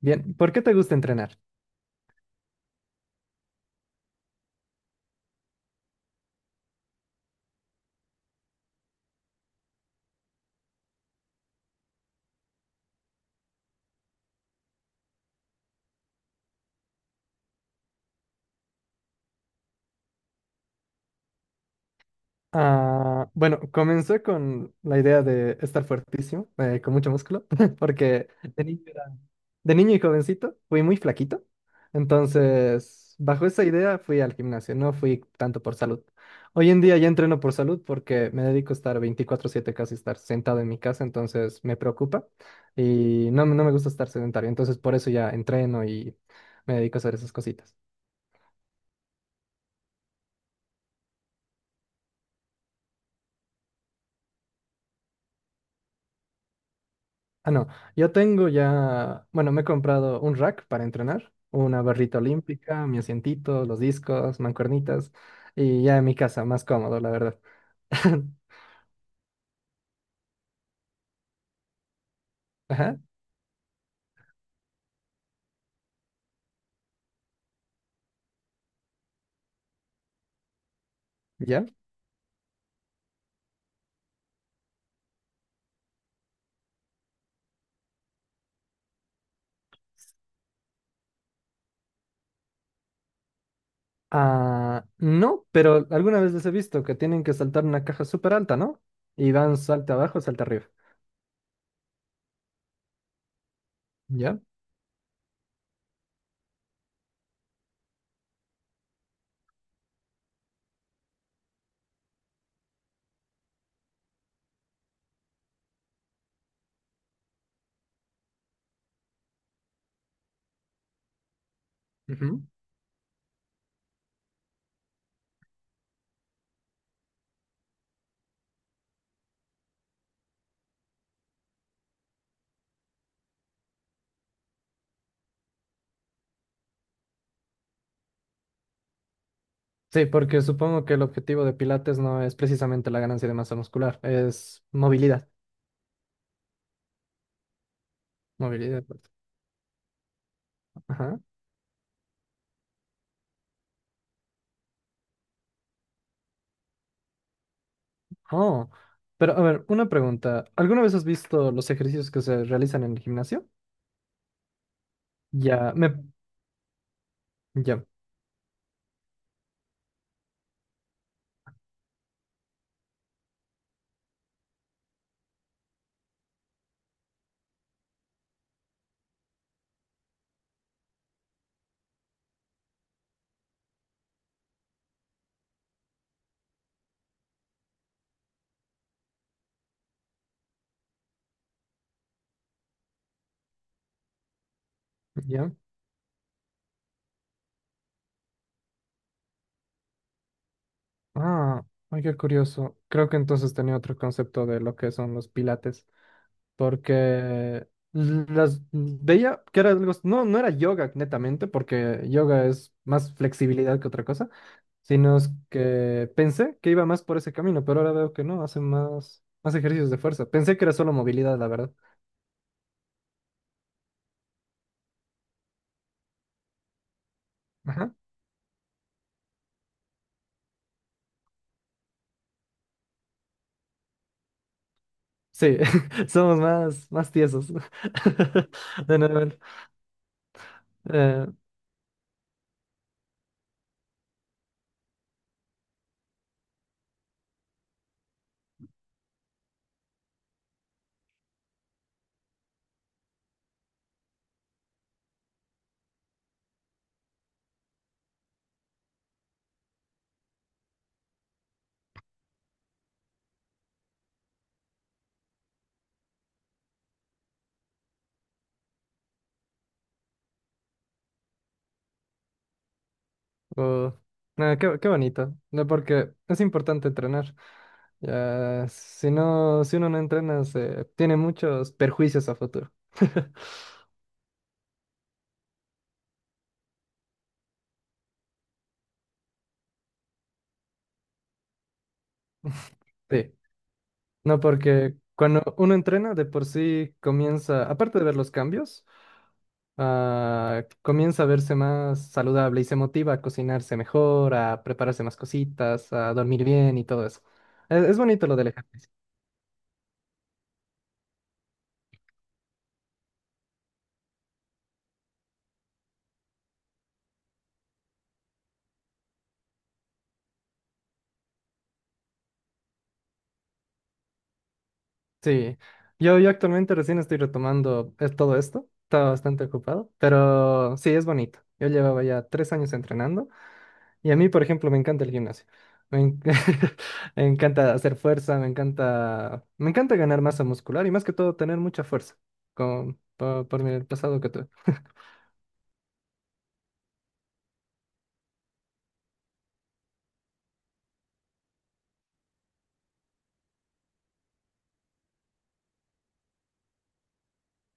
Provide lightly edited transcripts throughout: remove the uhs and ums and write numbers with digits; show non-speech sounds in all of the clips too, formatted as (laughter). Bien, ¿por qué te gusta entrenar? Ah, bueno, comencé con la idea de estar fuertísimo, con mucho músculo, (laughs) porque de niño era- de niño y jovencito fui muy flaquito. Entonces, bajo esa idea fui al gimnasio, no fui tanto por salud. Hoy en día ya entreno por salud porque me dedico a estar 24/7 casi estar sentado en mi casa, entonces me preocupa y no me gusta estar sedentario, entonces por eso ya entreno y me dedico a hacer esas cositas. Ah, no, yo tengo ya, bueno, me he comprado un rack para entrenar, una barrita olímpica, mi asientito, los discos, mancuernitas, y ya en mi casa, más cómodo, la verdad. (laughs) Ajá, ¿ya? Ah, no, pero alguna vez les he visto que tienen que saltar una caja súper alta, ¿no? Y van salta abajo, salta arriba, ¿ya? Ujú. Sí, porque supongo que el objetivo de Pilates no es precisamente la ganancia de masa muscular, es movilidad, movilidad pues. Ajá. Oh, pero a ver, una pregunta. ¿Alguna vez has visto los ejercicios que se realizan en el gimnasio? Ya, me, ya, ya. Ah, ay, qué curioso. Creo que entonces tenía otro concepto de lo que son los pilates, porque las veía que era algo, no era yoga netamente, porque yoga es más flexibilidad que otra cosa, sino es que pensé que iba más por ese camino, pero ahora veo que no, hace más ejercicios de fuerza. Pensé que era solo movilidad, la verdad. Sí, (laughs) somos más tiesos. (laughs) De normal. Eh, oh, Nada, qué bonito, ¿no? Porque es importante entrenar. Ya, si no, si uno no entrena, se tiene muchos perjuicios a futuro. (laughs) Sí, no, porque cuando uno entrena, de por sí comienza, aparte de ver los cambios, comienza a verse más saludable y se motiva a cocinarse mejor, a prepararse más cositas, a dormir bien y todo eso. Es bonito lo del ejercicio. Sí, yo actualmente recién estoy retomando todo esto, estaba bastante ocupado, pero sí, es bonito. Yo llevaba ya 3 años entrenando y a mí, por ejemplo, me encanta el gimnasio. Me, en- (laughs) me encanta hacer fuerza, me encanta ganar masa muscular y más que todo tener mucha fuerza por mi pasado que tuve.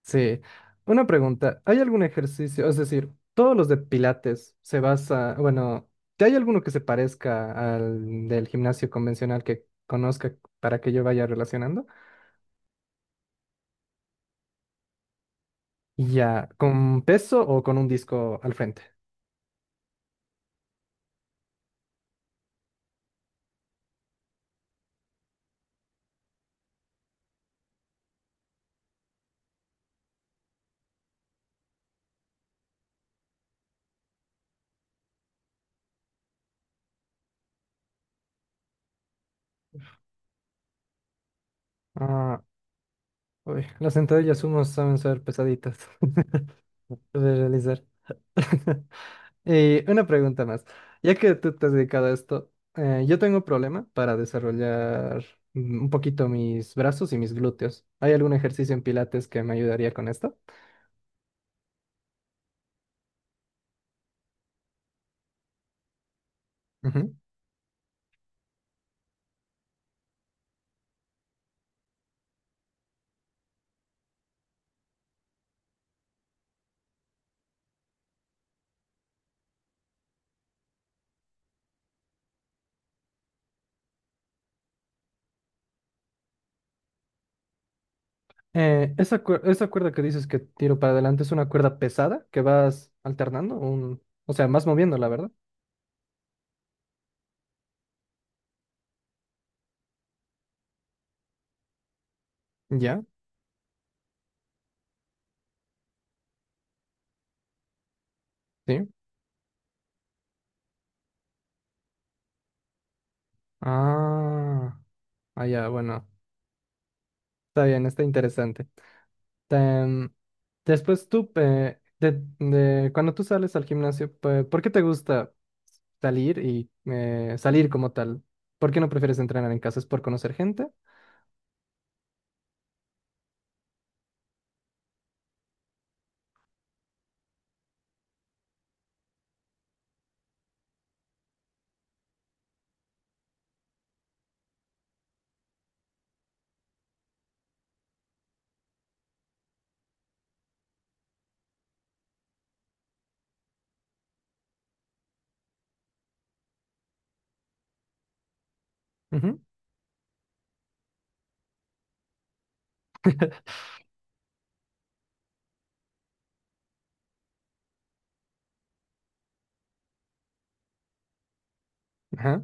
Sí, una pregunta. ¿Hay algún ejercicio? Es decir, todos los de Pilates se basa, bueno, ¿que ¿hay alguno que se parezca al del gimnasio convencional que conozca para que yo vaya relacionando? Y ya, ¿con peso o con un disco al frente? Ah, uy, las sentadillas sumo saben ser pesaditas (laughs) de realizar. (laughs) Y una pregunta más. Ya que tú te has dedicado a esto, yo tengo un problema para desarrollar un poquito mis brazos y mis glúteos. ¿Hay algún ejercicio en Pilates que me ayudaría con esto? Ujú. Esa cuerda que dices que tiro para adelante es una cuerda pesada que vas alternando, un, o sea, vas moviendo, la verdad. Ya, sí. Ah, ya, bueno, está bien, está interesante. Em, Después tú, cuando tú sales al gimnasio, ¿por qué te gusta salir y salir como tal? ¿Por qué no prefieres entrenar en casa? ¿Es por conocer gente? Ujú. (laughs) Ajá.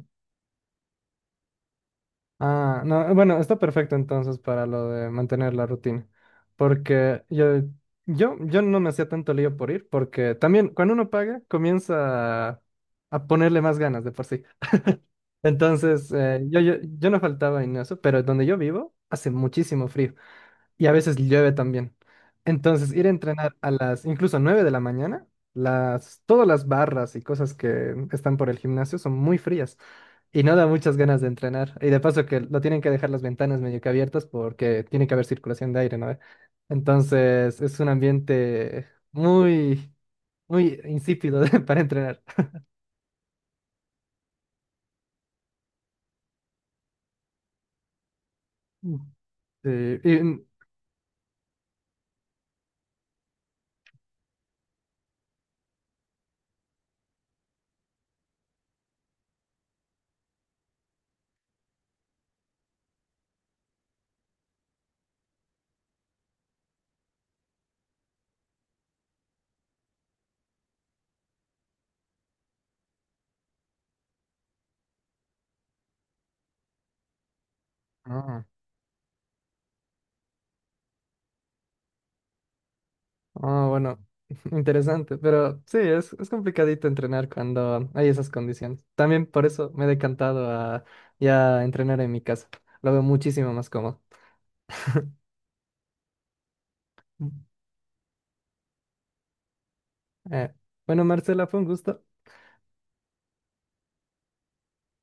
Ah, no, bueno, está perfecto entonces para lo de mantener la rutina, porque yo no me hacía tanto lío por ir, porque también cuando uno paga comienza a ponerle más ganas de por sí. Entonces, yo no faltaba en eso, pero donde yo vivo hace muchísimo frío y a veces llueve también. Entonces, ir a entrenar a las incluso 9 de la mañana, las, todas las barras y cosas que están por el gimnasio son muy frías y no da muchas ganas de entrenar. Y de paso que lo tienen que dejar las ventanas medio que abiertas porque tiene que haber circulación de aire, ¿no? Entonces, es un ambiente muy, muy insípido (laughs) para entrenar. Mm. Sí, y, mm, no. Ah, bueno, (laughs) interesante, pero sí, es complicadito entrenar cuando hay esas condiciones. También por eso me he decantado a ya entrenar en mi casa. Lo veo muchísimo más cómodo. Mm. Eh, bueno, Marcela, fue un gusto.